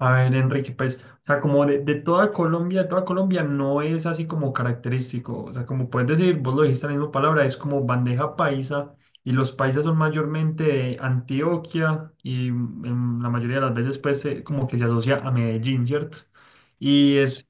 A ver, Enrique, pues, o sea, como de toda Colombia no es así como característico, o sea, como puedes decir, vos lo dijiste en la misma palabra, es como bandeja paisa, y los paisas son mayormente de Antioquia, y en la mayoría de las veces, pues, como que se asocia a Medellín, ¿cierto? Y es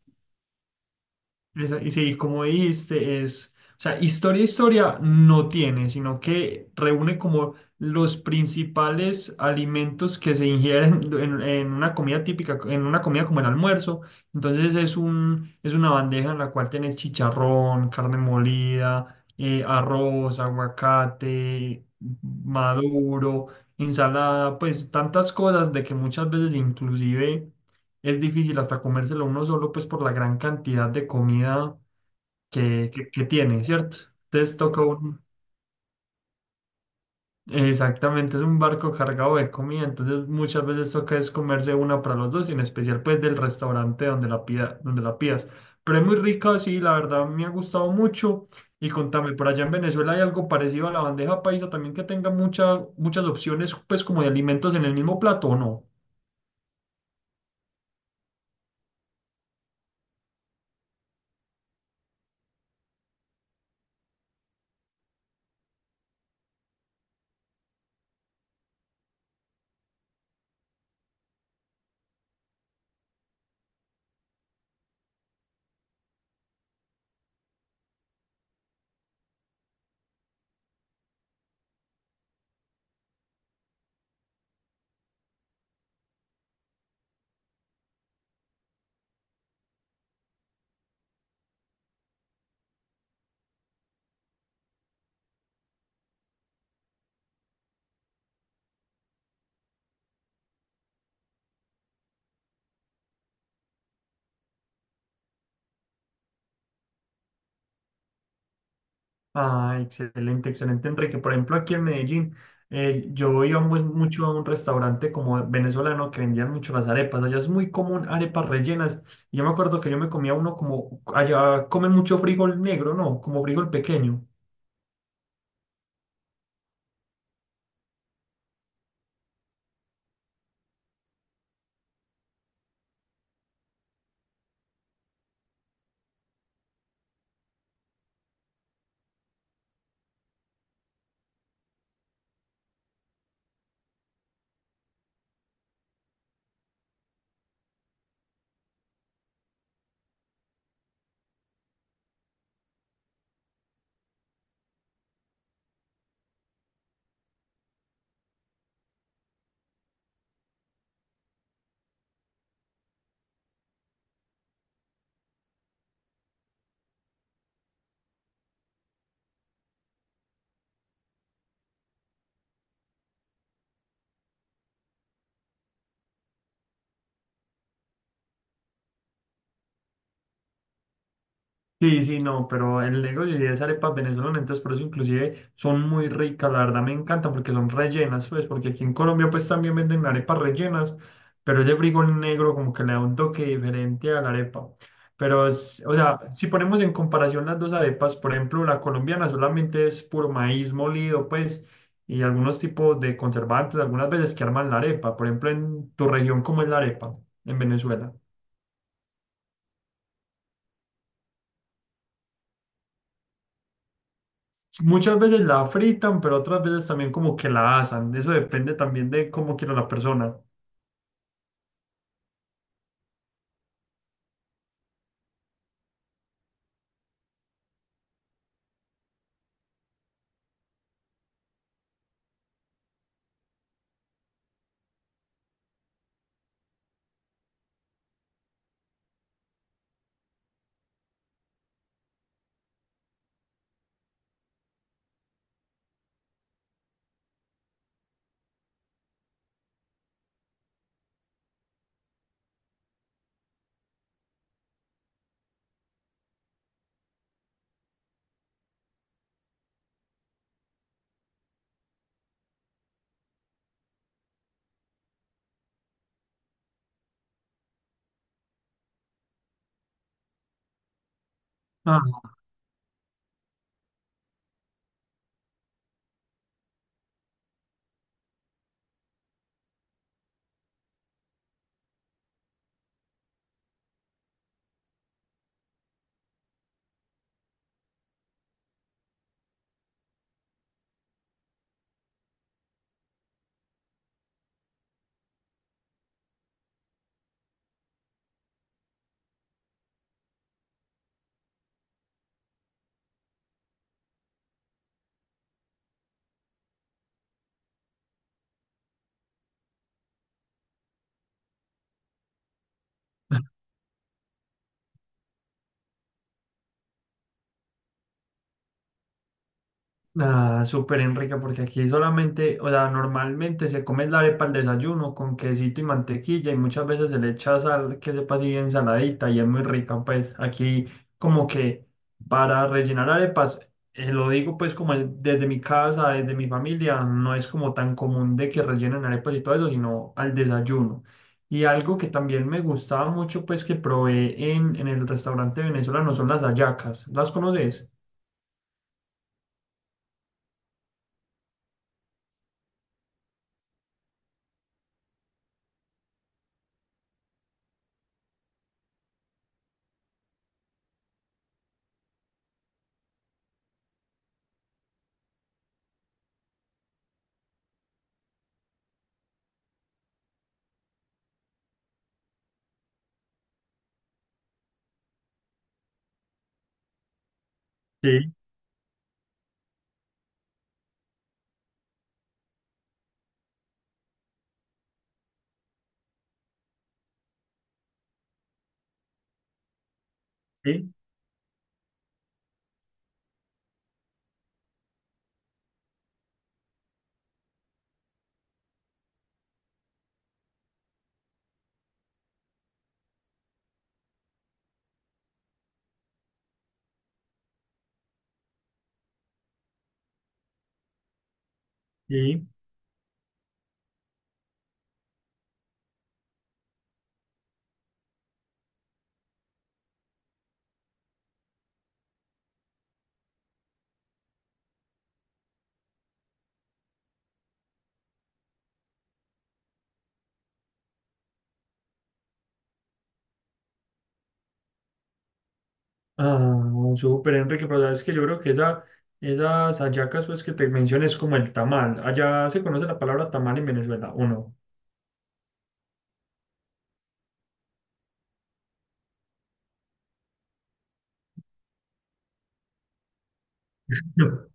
esa- y sí, como dijiste, es, o sea, historia, historia no tiene, sino que reúne como los principales alimentos que se ingieren en una comida típica, en una comida como el almuerzo. Entonces es una bandeja en la cual tenés chicharrón, carne molida, arroz, aguacate, maduro, ensalada, pues tantas cosas de que muchas veces inclusive es difícil hasta comérselo uno solo, pues por la gran cantidad de comida que tiene, ¿cierto? Entonces toca un, exactamente, es un barco cargado de comida, entonces muchas veces toca es comerse una para los dos, y en especial pues del restaurante donde la pidas. Pero es muy rica, sí, la verdad me ha gustado mucho. Y contame, por allá en Venezuela hay algo parecido a la bandeja paisa, también que tenga muchas opciones, pues como de alimentos en el mismo plato, ¿o no? Ah, excelente, excelente, Enrique. Por ejemplo, aquí en Medellín, yo iba mucho a un restaurante como venezolano que vendían mucho las arepas. Allá es muy común arepas rellenas. Y yo me acuerdo que yo me comía uno como, allá comen mucho frijol negro, ¿no? Como frijol pequeño. Sí, sí, no, pero el negocio sí es arepas venezolanas, entonces por eso inclusive son muy ricas, la verdad me encantan porque son rellenas, pues, porque aquí en Colombia pues también venden arepas rellenas, pero ese frijol negro como que le da un toque diferente a la arepa. Pero, o sea, si ponemos en comparación las dos arepas, por ejemplo, la colombiana solamente es puro maíz molido, pues, y algunos tipos de conservantes, algunas veces que arman la arepa, por ejemplo, en tu región, ¿cómo es la arepa en Venezuela? Muchas veces la fritan, pero otras veces también como que la asan. Eso depende también de cómo quiera la persona. Ah, súper Enrique, porque aquí solamente, o sea, normalmente se come la arepa al desayuno con quesito y mantequilla y muchas veces se le echa sal que sepa así bien saladita y es muy rica, pues aquí como que para rellenar arepas, lo digo pues desde mi casa, desde mi familia, no es como tan común de que rellenen arepas y todo eso, sino al desayuno. Y algo que también me gustaba mucho pues que probé en el restaurante venezolano son las hallacas, ¿las conoces? Sí, sí, sí. Ah, súper, Enrique, pero sabes que yo creo que esas hallacas pues, que te mencioné es como el tamal. Allá se conoce la palabra tamal en Venezuela, ¿o no? No.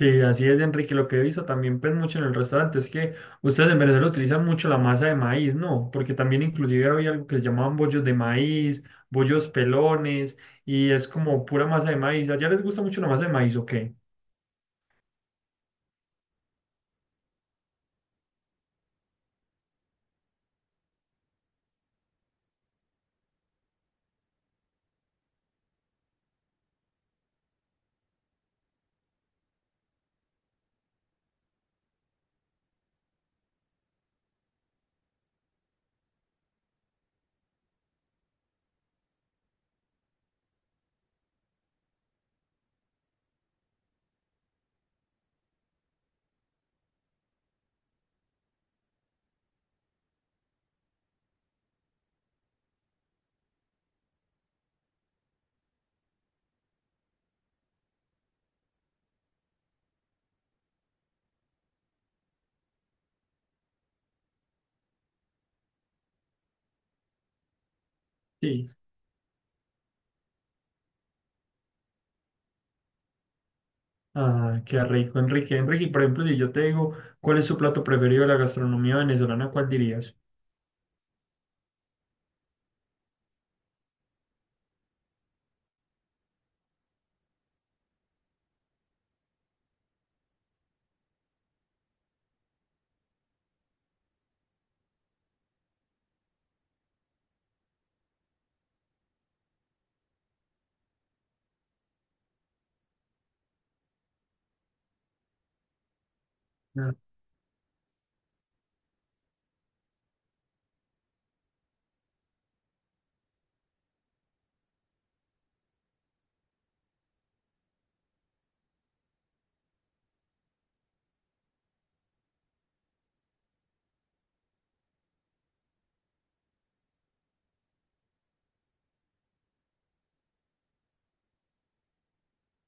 Sí, así es, Enrique. Lo que he visto también pues, mucho en el restaurante es que ustedes en Venezuela utilizan mucho la masa de maíz, ¿no? Porque también inclusive había algo que se llamaban bollos de maíz, bollos pelones, y es como pura masa de maíz. ¿Allá les gusta mucho la masa de maíz o qué? Sí. Ah, qué rico, Enrique. Enrique, y por ejemplo, si yo te digo, ¿cuál es su plato preferido de la gastronomía venezolana? ¿Cuál dirías? Ah,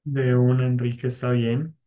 de una Enrique está bien.